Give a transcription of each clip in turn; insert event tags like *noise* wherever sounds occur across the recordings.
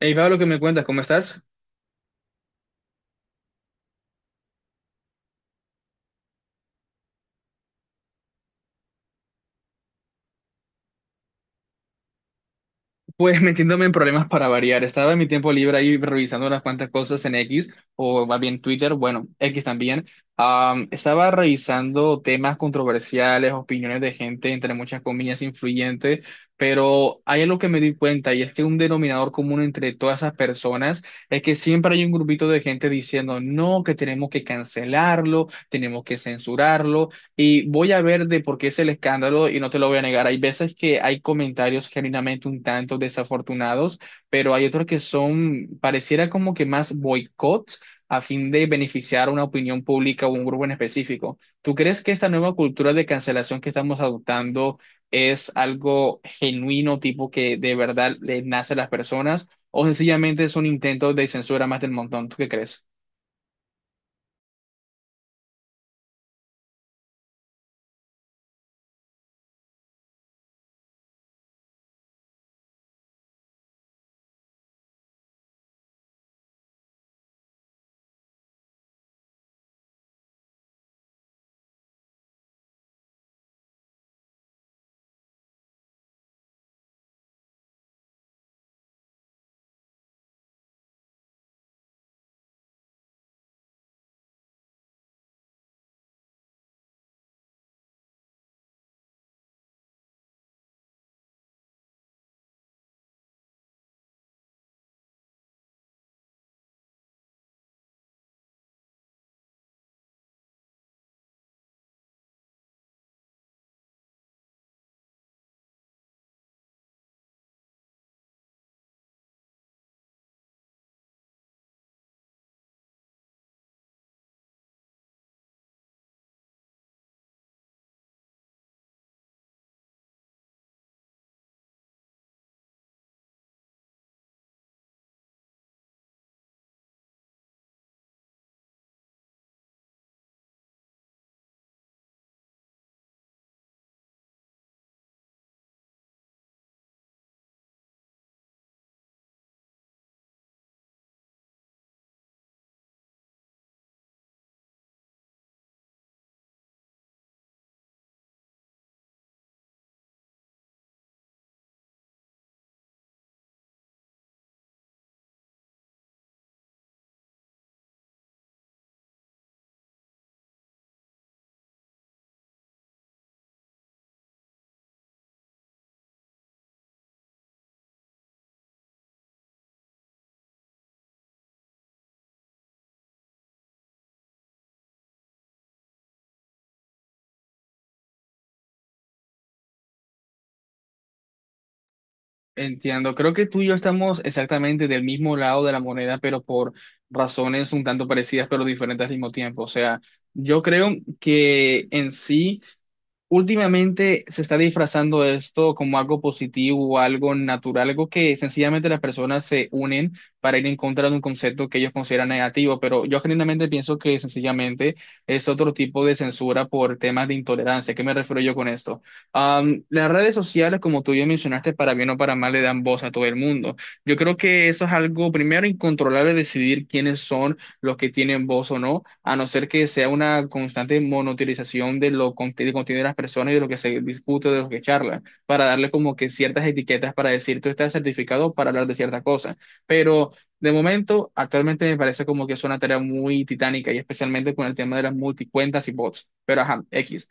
Hey, Pablo, ¿qué me cuentas? ¿Cómo estás? *laughs* Pues metiéndome en problemas para variar. Estaba en mi tiempo libre ahí revisando unas cuantas cosas en X, o más bien Twitter, bueno, X también. Estaba revisando temas controversiales, opiniones de gente, entre muchas comillas, influyente, pero hay algo que me di cuenta, y es que un denominador común entre todas esas personas es que siempre hay un grupito de gente diciendo, no, que tenemos que cancelarlo, tenemos que censurarlo. Y voy a ver de por qué es el escándalo, y no te lo voy a negar. Hay veces que hay comentarios genuinamente un tanto desafortunados, pero hay otros que son, pareciera como que más boicots a fin de beneficiar a una opinión pública o un grupo en específico. ¿Tú crees que esta nueva cultura de cancelación que estamos adoptando es algo genuino, tipo que de verdad le nace a las personas, o sencillamente es un intento de censura más del montón? ¿Tú qué crees? Entiendo, creo que tú y yo estamos exactamente del mismo lado de la moneda, pero por razones un tanto parecidas, pero diferentes al mismo tiempo. O sea, yo creo que en sí... Últimamente se está disfrazando esto como algo positivo, algo natural, algo que sencillamente las personas se unen para ir en contra de un concepto que ellos consideran negativo, pero yo genuinamente pienso que sencillamente es otro tipo de censura por temas de intolerancia. ¿Qué me refiero yo con esto? Las redes sociales, como tú ya mencionaste, para bien o para mal, le dan voz a todo el mundo. Yo creo que eso es algo primero incontrolable, decidir quiénes son los que tienen voz o no, a no ser que sea una constante monotilización de lo del contenido de las personas y de lo que se discute, de lo que charla, para darle como que ciertas etiquetas para decir tú estás certificado para hablar de cierta cosa. Pero de momento, actualmente me parece como que es una tarea muy titánica y especialmente con el tema de las multicuentas y bots. Pero ajá, X.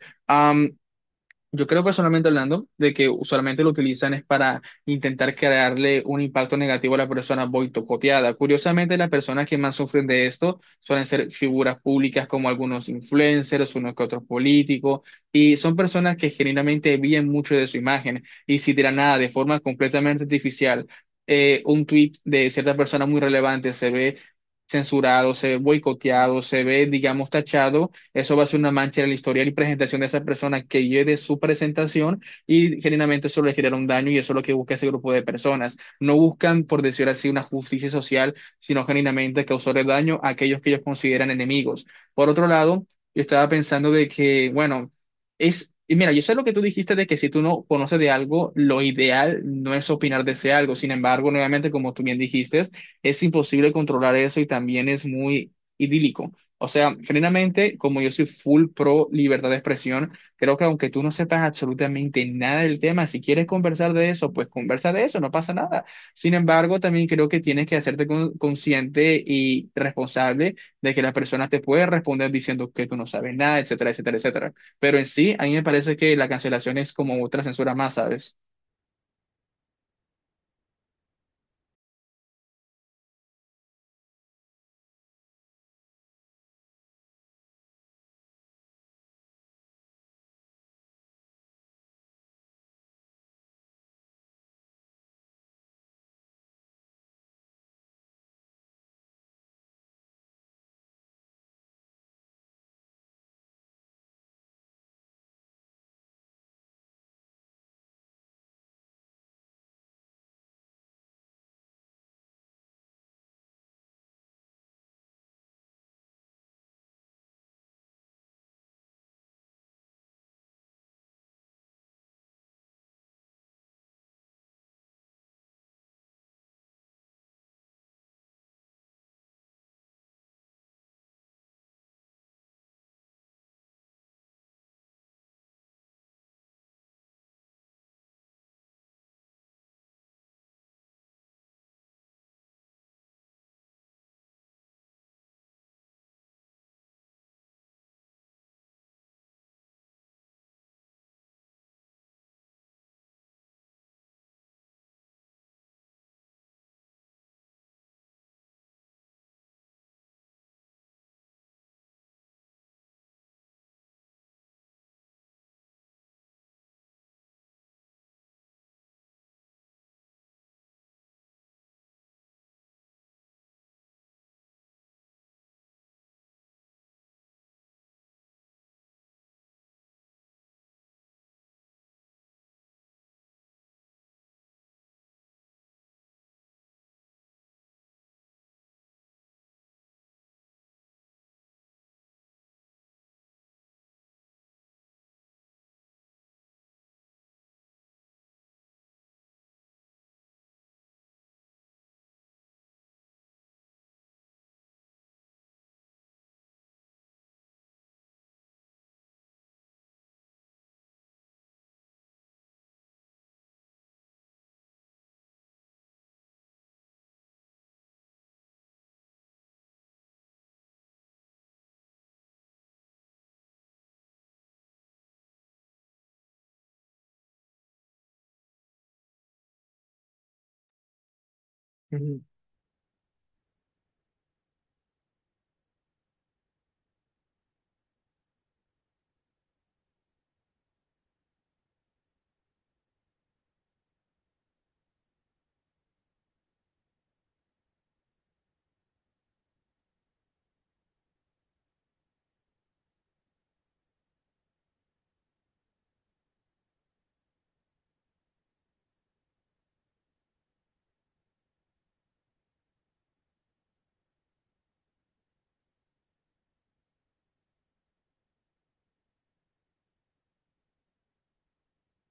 Yo creo personalmente hablando de que usualmente lo utilizan es para intentar crearle un impacto negativo a la persona boicoteada. Curiosamente, las personas que más sufren de esto suelen ser figuras públicas como algunos influencers, unos que otros políticos, y son personas que genuinamente viven mucho de su imagen. Y si de la nada, de forma completamente artificial, un tweet de cierta persona muy relevante se ve censurado, se ve boicoteado, se ve, digamos, tachado, eso va a ser una mancha en el historial y presentación de esa persona que lleve su presentación, y genuinamente eso le genera un daño, y eso es lo que busca ese grupo de personas. No buscan, por decir así, una justicia social, sino genuinamente causarle daño a aquellos que ellos consideran enemigos. Por otro lado, yo estaba pensando de que, bueno, es... Y mira, yo sé lo que tú dijiste de que si tú no conoces de algo, lo ideal no es opinar de ese algo. Sin embargo, nuevamente, como tú bien dijiste, es imposible controlar eso, y también es muy idílico. O sea, generalmente, como yo soy full pro libertad de expresión, creo que aunque tú no sepas absolutamente nada del tema, si quieres conversar de eso, pues conversa de eso, no pasa nada. Sin embargo, también creo que tienes que hacerte consciente y responsable de que la persona te puede responder diciendo que tú no sabes nada, etcétera, etcétera, etcétera. Pero en sí, a mí me parece que la cancelación es como otra censura más, ¿sabes?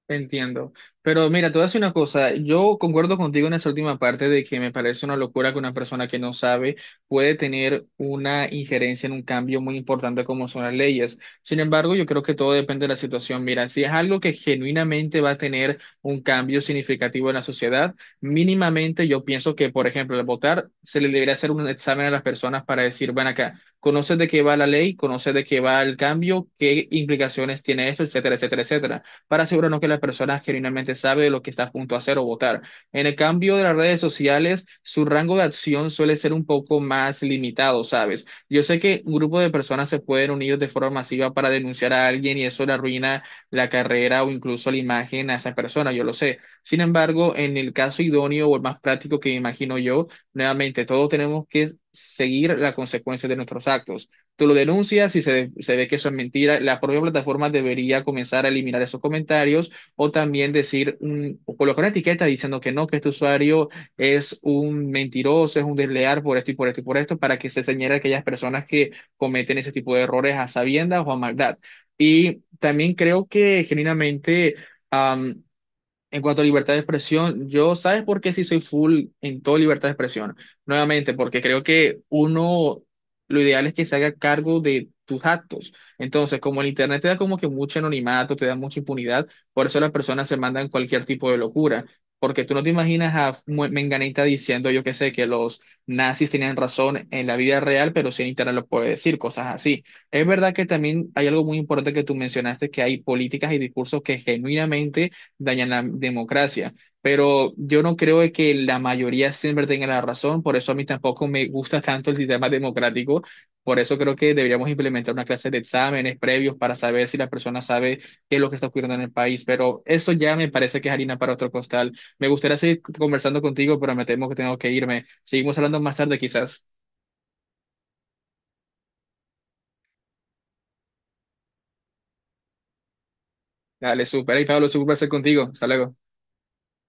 Entiendo. Pero mira, te voy a decir una cosa. Yo concuerdo contigo en esa última parte de que me parece una locura que una persona que no sabe puede tener una injerencia en un cambio muy importante como son las leyes. Sin embargo, yo creo que todo depende de la situación. Mira, si es algo que genuinamente va a tener un cambio significativo en la sociedad, mínimamente yo pienso que, por ejemplo, al votar se le debería hacer un examen a las personas para decir, ven acá. ¿Conoces de qué va la ley? ¿Conoces de qué va el cambio? ¿Qué implicaciones tiene esto? Etcétera, etcétera, etcétera, para asegurarnos que la persona genuinamente sabe lo que está a punto de hacer o votar. En el cambio de las redes sociales, su rango de acción suele ser un poco más limitado, ¿sabes? Yo sé que un grupo de personas se pueden unir de forma masiva para denunciar a alguien y eso le arruina la carrera o incluso la imagen a esa persona, yo lo sé. Sin embargo, en el caso idóneo o el más práctico que me imagino yo, nuevamente, todos tenemos que seguir las consecuencias de nuestros actos. Tú lo denuncias y se ve que eso es mentira. La propia plataforma debería comenzar a eliminar esos comentarios o también decir, un, o colocar una etiqueta diciendo que no, que este usuario es un mentiroso, es un desleal por esto y por esto y por esto, para que se señale a aquellas personas que cometen ese tipo de errores a sabiendas o a maldad. Y también creo que genuinamente... am, en cuanto a libertad de expresión, yo, ¿sabes por qué sí soy full en todo libertad de expresión? Nuevamente, porque creo que uno, lo ideal es que se haga cargo de tus actos. Entonces, como el Internet te da como que mucho anonimato, te da mucha impunidad, por eso las personas se mandan cualquier tipo de locura. Porque tú no te imaginas a Menganita diciendo, yo qué sé, que los nazis tenían razón en la vida real, pero sí en Internet lo puede decir, cosas así. Es verdad que también hay algo muy importante que tú mencionaste, que hay políticas y discursos que genuinamente dañan la democracia. Pero yo no creo de que la mayoría siempre tenga la razón, por eso a mí tampoco me gusta tanto el sistema democrático, por eso creo que deberíamos implementar una clase de exámenes previos para saber si la persona sabe qué es lo que está ocurriendo en el país, pero eso ya me parece que es harina para otro costal. Me gustaría seguir conversando contigo, pero me temo que tengo que irme. Seguimos hablando más tarde quizás. Dale, súper. Hey, Pablo, súper conversar contigo. Hasta luego.